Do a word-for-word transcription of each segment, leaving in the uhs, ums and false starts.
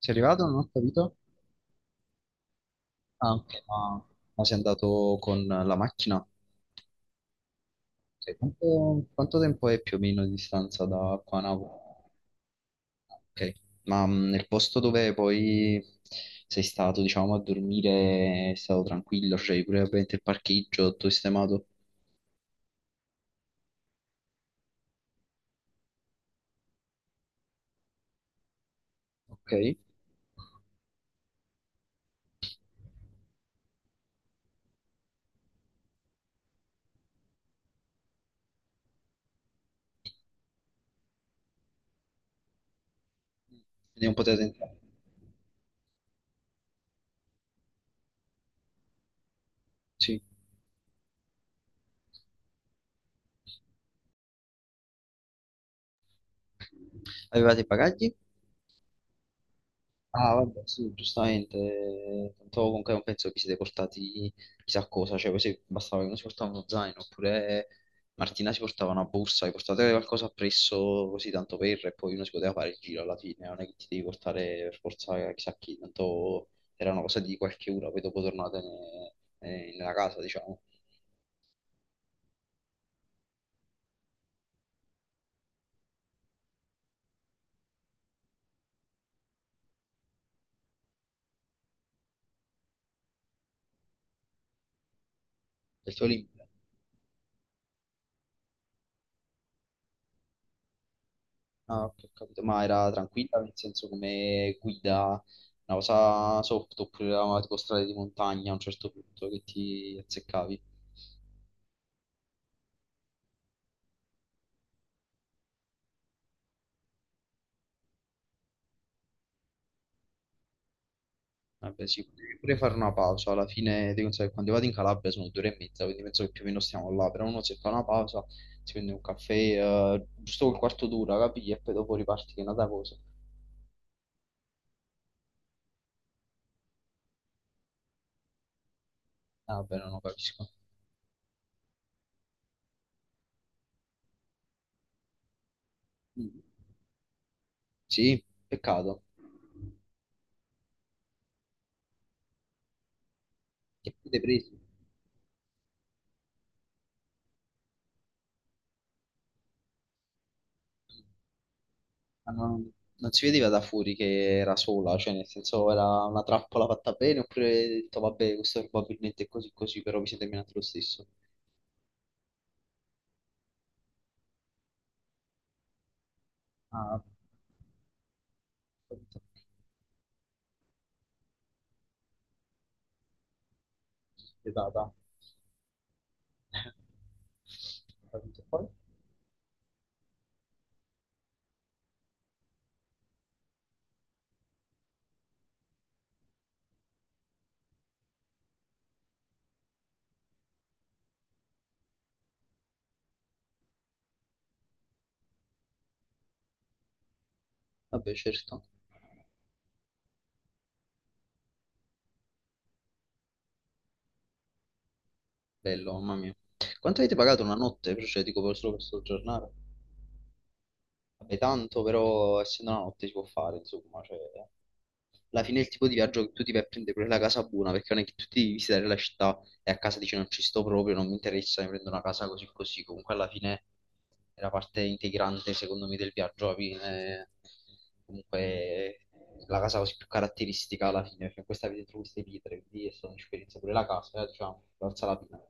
Sei arrivato? Non ho capito. Ah, ok, ma, ma sei andato con la macchina? Ok, quanto, quanto tempo è più o meno di distanza da qua a Napoli? Ok, ma mh, nel posto dove poi sei stato, diciamo, a dormire è stato tranquillo, c'è pure ovviamente il parcheggio, tutto sistemato. Ok, quindi non potete entrare. Sì. Avevate i bagagli? Ah, vabbè, sì, giustamente. Tanto comunque non penso che vi siete portati chissà cosa, cioè poi se bastava che uno si portava uno zaino, oppure Martina si portava una borsa, vi portate qualcosa appresso così tanto per, e poi uno si poteva fare il giro alla fine, non è che ti devi portare per forza chissà chi, tanto era una cosa di qualche ora, poi dopo tornate ne- eh, nella casa, diciamo, del tuo libro. Ah, ok, ho capito. Ma era tranquilla, nel senso come guida, una cosa soft, oppure era tipo strade di montagna a un certo punto che ti azzeccavi. Vabbè, sì, potevi pure fare una pausa. Alla fine, devi pensare che quando vado in Calabria sono due ore e mezza, quindi penso che più o meno stiamo là. Però uno se fa una pausa, si prende un caffè, eh, giusto quel quarto d'ora, capisci? E poi dopo riparti che è un'altra cosa. Ah, vabbè, non lo capisco. Mm. Sì, peccato. Che avete preso? Ma non, non si vedeva da fuori che era sola, cioè nel senso era una trappola fatta bene, oppure hai detto vabbè, questo probabilmente è così così, però vi siete menati lo stesso. Ah, capito. Vietata. Capito. Poi? Vabbè, certo. Bello, mamma mia. Quanto avete pagato una notte? Cioè, dico, per- solo per soggiornare. Vabbè, tanto però essendo la notte si può fare, insomma, cioè, alla fine è il tipo di viaggio che tu ti vai a prendere pure la casa buona, perché non è che tu ti devi visitare la città e a casa dici non ci sto proprio, non mi interessa, mi prendo una casa così così, comunque alla fine è la parte integrante secondo me del viaggio, alla fine, eh, comunque la casa così più caratteristica alla fine, perché in questa avete trovato queste pietre, quindi è stata un'esperienza pure la casa, eh, diciamo, valsa la pena,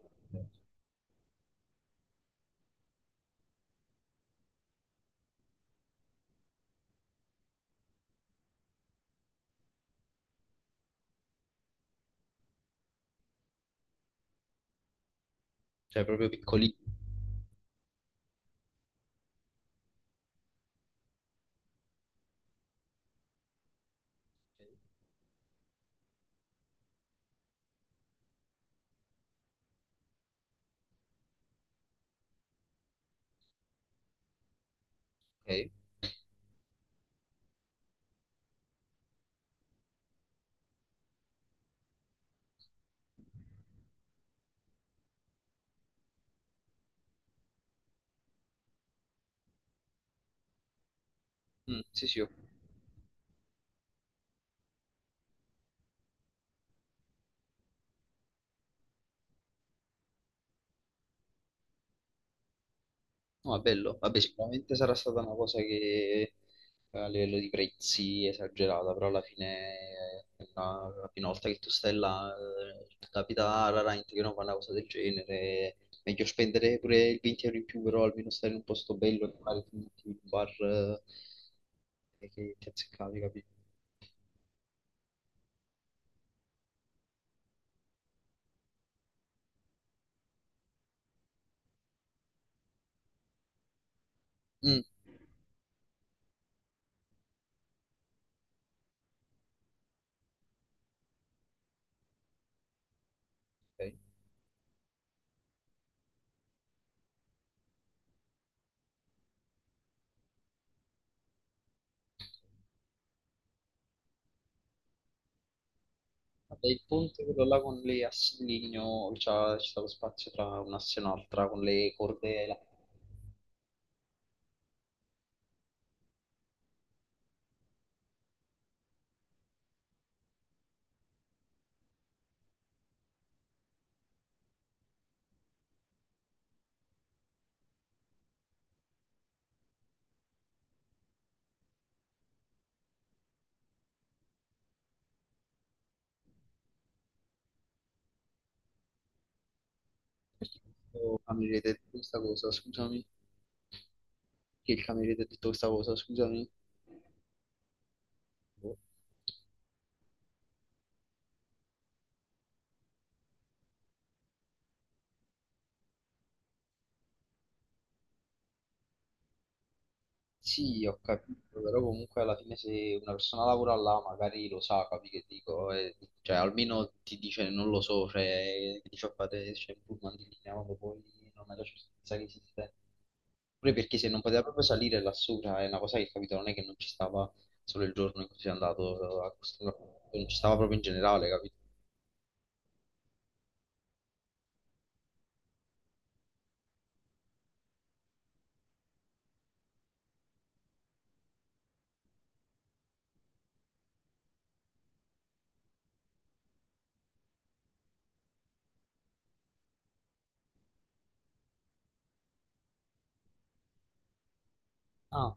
cioè proprio piccoli. Ok? Mm, sì, sì, ho no, è bello. Vabbè, sicuramente sarà stata una cosa che eh, a livello di prezzi è esagerata, però alla fine, eh, la, la prima volta che tu stai là, eh, ti capita raramente che non fa una cosa del genere. Meglio spendere pure il venti euro in più, però almeno stare in un posto bello e magari ti metti in un bar eh, che ti azzeccavi, capito? Mm, ok. Vabbè, il ponte quello là con le assi di legno, c'ha- c'è stato spazio tra un'asse e un'altra, con le corde. Oh, cameriere ti ha detto questa cosa, scusami. Che il cameriere ti ha detto questa cosa, scusami. Boh. Sì, ho capito, però comunque alla fine se una persona lavora là magari lo sa, capi che dico, e- cioè almeno ti dice non lo so, cioè ti fa fare c'è un pullman di linea quando poi non hai la certezza che esiste. Pure perché se non poteva proprio salire lassù, cioè, è una cosa che capito, non è che non ci stava solo il giorno in cui sei andato a questo, non ci stava proprio in generale, capito? Ah,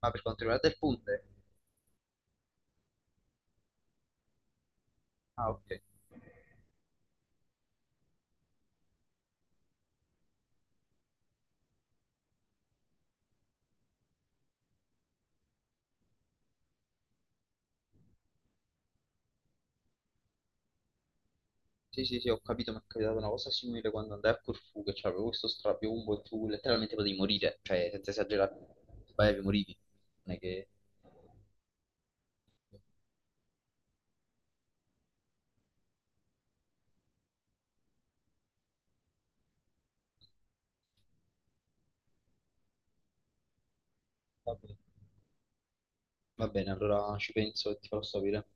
ma per quanto riguarda il ponte? Ah, ok. Sì, sì, sì, ho capito, mi è capitata una cosa simile quando andai a Corfù, che c'avevo questo strapiombo e tu letteralmente potevi morire, cioè senza esagerare, sbagliavi, morivi. Non è che... Va bene, va bene, allora ci penso e ti farò sapere.